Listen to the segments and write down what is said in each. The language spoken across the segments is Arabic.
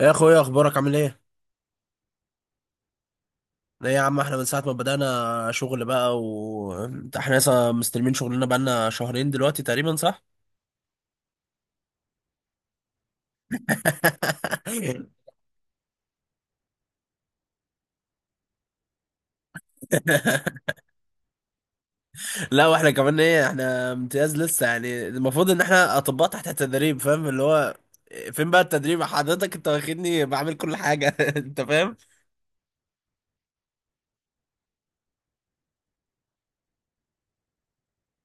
إيه يا اخويا، اخبارك؟ عامل ايه؟ ايه يا عم، احنا من ساعه ما بدانا شغل بقى و احنا لسه مستلمين شغلنا، بقالنا شهرين دلوقتي تقريبا، صح؟ لا، واحنا كمان ايه، احنا امتياز لسه، يعني المفروض ان احنا اطباء تحت التدريب، فاهم اللي هو فين بقى التدريب؟ حضرتك انت واخدني بعمل كل حاجه. انت فاهم.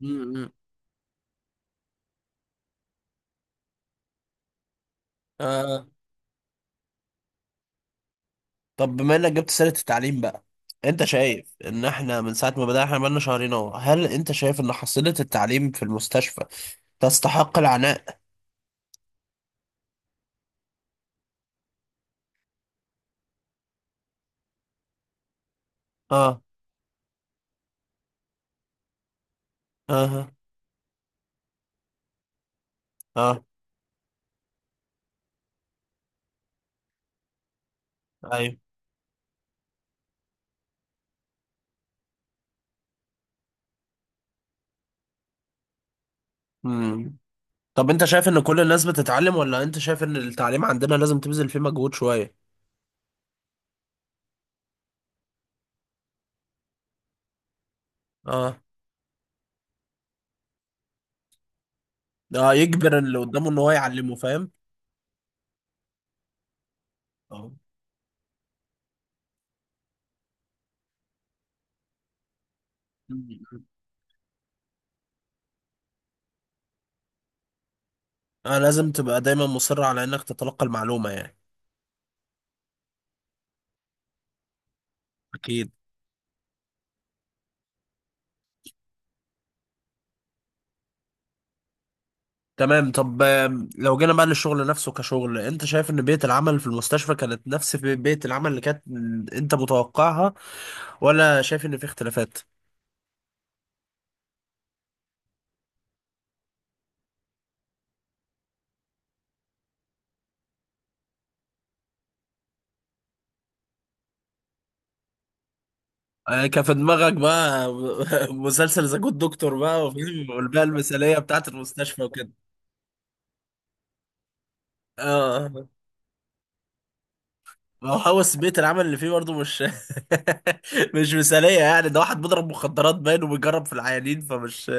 م- م. اه طب، بما انك جبت سيرة التعليم بقى، انت شايف ان احنا من ساعة ما بدأنا، احنا بقالنا شهرين اهو، هل انت شايف ان حصيلة التعليم في المستشفى تستحق العناء؟ اه. اه. اه. ايوه. مم. طب انت شايف ان كل الناس بتتعلم، ولا انت شايف ان التعليم عندنا لازم تبذل فيه مجهود شوية؟ اه. اه، يجبر اللي قدامه ان هو يعلمه، فاهم؟ اه. مم. آه، لازم تبقى دايما مصر على انك تتلقى المعلومة يعني. اكيد. تمام. طب، لو جينا بقى للشغل نفسه كشغل، انت شايف ان بيئة العمل في المستشفى كانت نفس بيئة العمل اللي كانت انت متوقعها، ولا شايف ان في اختلافات؟ آه، كان في دماغك بقى مسلسل ذا جود دكتور بقى، وفيلم، والبيئة المثالية بتاعة المستشفى وكده. اه، ما هو هوس بيئة العمل اللي فيه برضه مش مش مثالية يعني، ده واحد بيضرب مخدرات باين وبيجرب في العيانين، فمش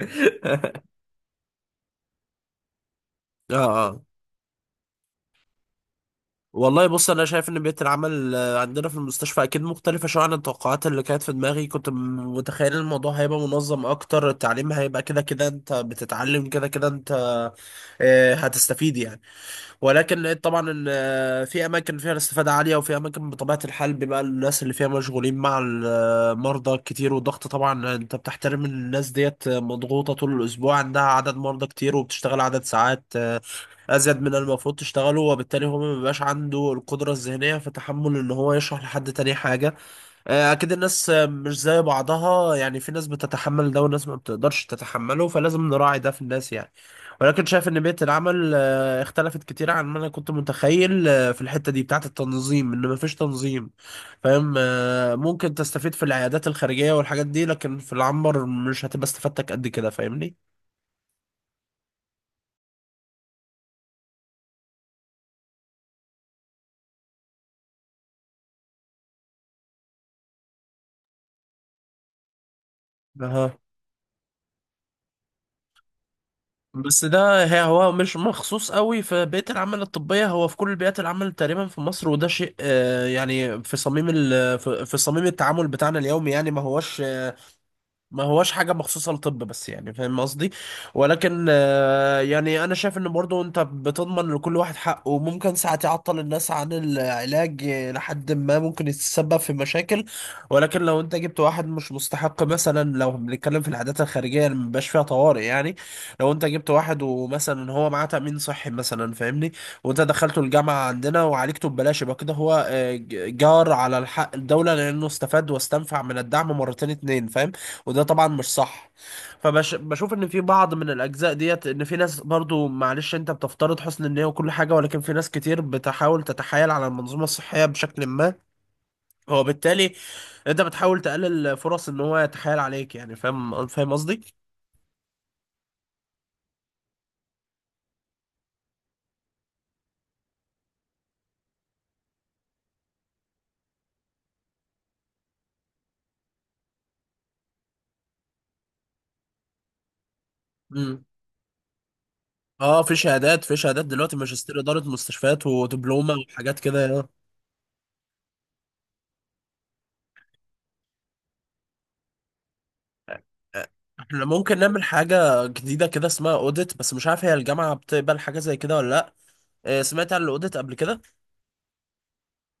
اه. اه. والله بص، انا شايف ان بيئه العمل عندنا في المستشفى اكيد مختلفه شويه عن التوقعات اللي كانت في دماغي. كنت متخيل الموضوع هيبقى منظم اكتر، التعليم هيبقى كده كده انت بتتعلم، كده كده انت هتستفيد يعني. ولكن لقيت طبعا ان في اماكن فيها الاستفاده عاليه، وفي اماكن بطبيعه الحال بيبقى الناس اللي فيها مشغولين مع المرضى كتير، والضغط طبعا. انت بتحترم ان الناس ديت مضغوطه طول الاسبوع، عندها عدد مرضى كتير وبتشتغل عدد ساعات ازيد من المفروض تشتغله، وبالتالي هو ما بيبقاش عنده القدره الذهنيه في تحمل ان هو يشرح لحد تاني حاجه. اكيد الناس مش زي بعضها، يعني في ناس بتتحمل ده وناس ما بتقدرش تتحمله، فلازم نراعي ده في الناس يعني. ولكن شايف ان بيئه العمل اختلفت كتير عن ما انا كنت متخيل، في الحته دي بتاعه التنظيم، ان ما فيش تنظيم. فاهم، ممكن تستفيد في العيادات الخارجيه والحاجات دي، لكن في العنبر مش هتبقى استفادتك قد كده، فاهمني؟ أها، بس ده هو مش مخصوص قوي في بيئة العمل الطبية، هو في كل بيئات العمل تقريبا في مصر، وده شيء يعني في صميم التعامل بتاعنا اليومي، يعني ما هوش حاجة مخصوصة للطب بس، يعني فاهم قصدي. ولكن يعني أنا شايف إن برضو أنت بتضمن لكل واحد حقه، وممكن ساعة تعطل الناس عن العلاج لحد ما ممكن يتسبب في مشاكل. ولكن لو أنت جبت واحد مش مستحق، مثلا لو بنتكلم في العادات الخارجية اللي مبيبقاش فيها طوارئ يعني، لو أنت جبت واحد ومثلا هو معاه تأمين صحي مثلا، فاهمني؟ وأنت دخلته الجامعة عندنا وعالجته ببلاش، يبقى كده هو جار على الحق، الدولة لأنه استفاد واستنفع من الدعم مرتين اتنين، فاهم؟ وده طبعا مش صح. فبشوف ان في بعض من الاجزاء ديت، ان في ناس برضو، معلش انت بتفترض حسن النية وكل حاجة، ولكن في ناس كتير بتحاول تتحايل على المنظومة الصحية بشكل ما، هو بالتالي انت بتحاول تقلل فرص ان هو يتحايل عليك، يعني فاهم، فاهم قصدي؟ امم اه، في شهادات دلوقتي، ماجستير إدارة مستشفيات ودبلومة وحاجات كده يعني. احنا ممكن نعمل حاجة جديدة كده اسمها اوديت، بس مش عارف هي الجامعة بتقبل حاجة زي كده ولا لا. آه، سمعت عن الاوديت قبل كده؟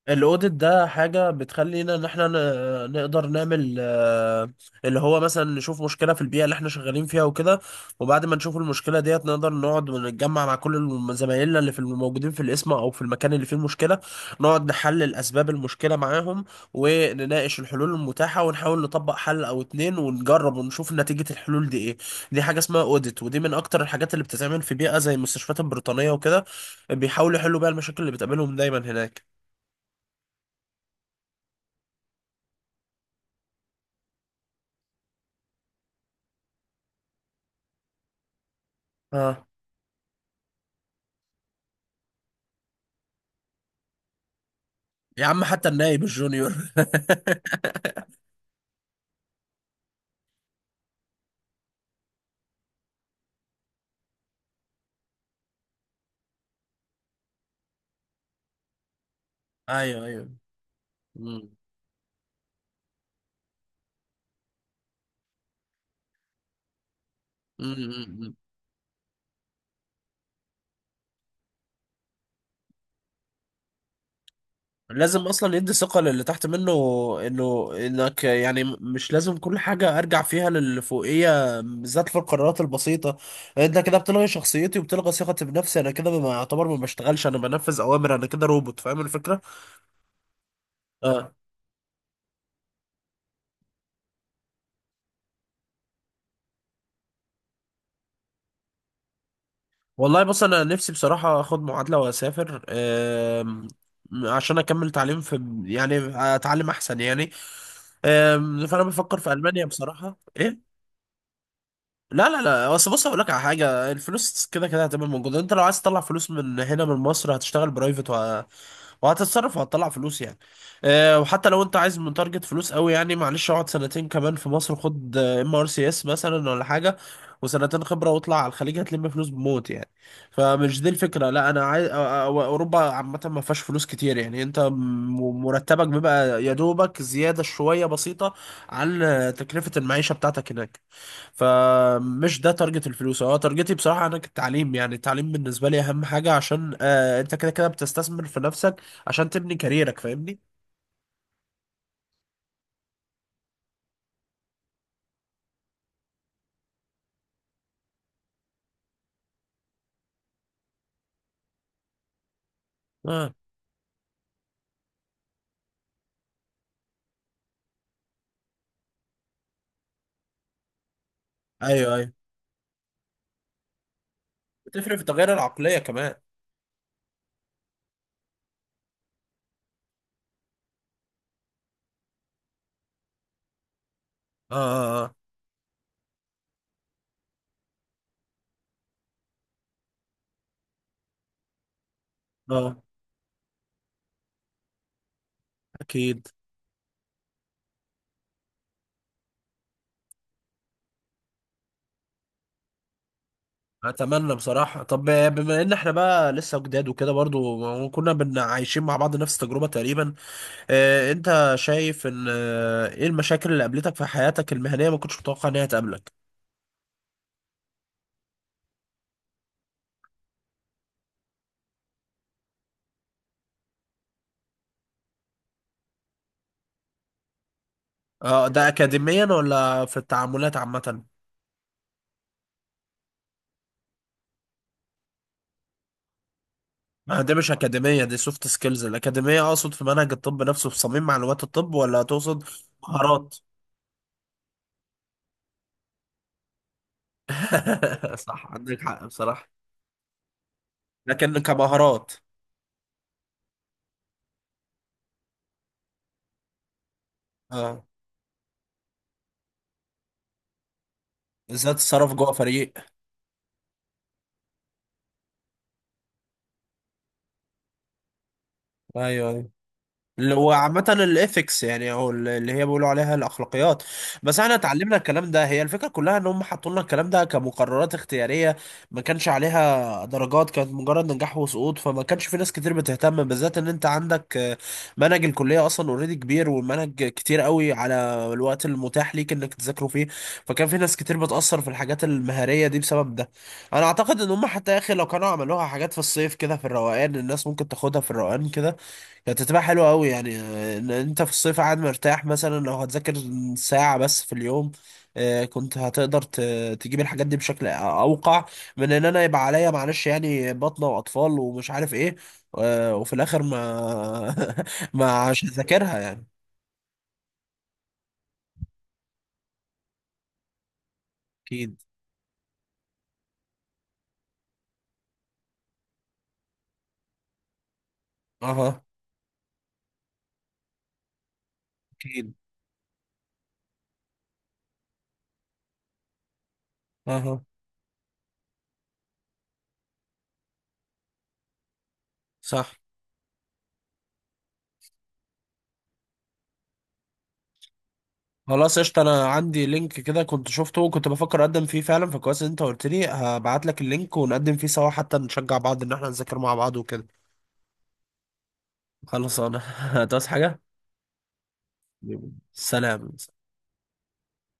الاوديت ده حاجه بتخلينا ان احنا نقدر نعمل، اللي هو مثلا نشوف مشكله في البيئه اللي احنا شغالين فيها وكده، وبعد ما نشوف المشكله ديت، نقدر نقعد ونتجمع مع كل زمايلنا اللي في الموجودين في القسم او في المكان اللي فيه المشكله، نقعد نحلل اسباب المشكله معاهم، ونناقش الحلول المتاحه، ونحاول نطبق حل او اتنين ونجرب ونشوف نتيجه الحلول دي ايه. دي حاجه اسمها اوديت، ودي من اكتر الحاجات اللي بتتعمل في بيئه زي المستشفيات البريطانيه وكده، بيحاولوا يحلوا بيها المشاكل اللي بتقابلهم دايما هناك. يا عم حتى النايب الجونيور. ايوه، ايوه. مم. مم. مم. لازم اصلا يدي ثقه للي تحت منه، انه انك يعني مش لازم كل حاجه ارجع فيها للفوقيه، بالذات في القرارات البسيطه. انت كده بتلغي شخصيتي وبتلغي ثقتي بنفسي، انا كده ما يعتبر ما بشتغلش، انا بنفذ اوامر، انا كده روبوت، فاهم الفكره؟ اه. والله بص، انا نفسي بصراحه اخد معادله واسافر، عشان اكمل تعليم في، يعني اتعلم احسن يعني. فانا بفكر في المانيا بصراحه. إيه؟ لا، لا، لا. اصل بص اقول لك على حاجه، الفلوس كده كده هتبقى موجوده، انت لو عايز تطلع فلوس من هنا من مصر هتشتغل برايفت، وهتتصرف وهتطلع فلوس يعني. أه، وحتى لو انت عايز من تارجت فلوس قوي يعني، معلش اقعد سنتين كمان في مصر، خد MRCS مثلا ولا حاجه، وسنتين خبره واطلع على الخليج هتلم فلوس بموت يعني. فمش دي الفكره، لا، انا عايز اوروبا عامه ما فيهاش فلوس كتير، يعني انت مرتبك بيبقى يا دوبك زياده شويه بسيطه عن تكلفه المعيشه بتاعتك هناك. فمش ده تارجت الفلوس، هو تارجتي بصراحة أنا التعليم، يعني التعليم بالنسبة لي أهم حاجة، عشان أنت كده كده بتستثمر في نفسك، عشان تبني كاريرك، فاهمني؟ اه. أيوه، أيوه، بتفرق في تغيير العقلية كمان. اه. اه. اه. آه، أكيد. أتمنى بصراحة. طب، بما إن إحنا بقى لسه جداد وكده، برضو كنا عايشين مع بعض نفس التجربة تقريبا، أنت شايف إن إيه المشاكل اللي قابلتك في حياتك المهنية ما كنتش متوقع إنها تقابلك؟ اه، ده أكاديميا ولا في التعاملات عامة؟ ما ده مش أكاديمية، دي سوفت سكيلز. الأكاديمية أقصد في منهج الطب نفسه، في صميم معلومات الطب، ولا تقصد مهارات؟ صح، عندك حق بصراحة. لكن كمهارات، اه، ازاي تتصرف جوه فريق. ايوه، ايوه. اللي هو عامة الإيثكس يعني، أو اللي هي بيقولوا عليها الأخلاقيات. بس احنا اتعلمنا الكلام ده، هي الفكرة كلها إن هم حطوا لنا الكلام ده كمقررات اختيارية، ما كانش عليها درجات، كانت مجرد نجاح وسقوط، فما كانش في ناس كتير بتهتم، بالذات إن أنت عندك منهج الكلية أصلا أوريدي كبير، والمنهج كتير قوي على الوقت المتاح ليك إنك تذاكره فيه، فكان في ناس كتير بتأثر في الحاجات المهارية دي بسبب ده. أنا أعتقد إن هم حتى يا أخي، لو كانوا عملوها حاجات في الصيف كده في الروقان، الناس ممكن تاخدها في الروقان كده، كانت هتبقى حلوة أوي يعني، إن أنت في الصيف قاعد مرتاح، مثلا لو هتذاكر ساعة بس في اليوم، كنت هتقدر تجيب الحاجات دي بشكل أوقع، من إن أنا يبقى عليا معلش يعني بطنة وأطفال ومش عارف إيه، وفي الآخر ما ما مش هذاكرها يعني. أكيد. أها. أكيد. أها. صح. خلاص قشطة، أنا عندي لينك كده كنت شفته وكنت بفكر أقدم فيه فعلا، فكويس إن أنت قلت لي، هبعت لك اللينك ونقدم فيه سوا، حتى نشجع بعض إن إحنا نذاكر مع بعض وكده. خلاص، انا هتعوز حاجة؟ سلام.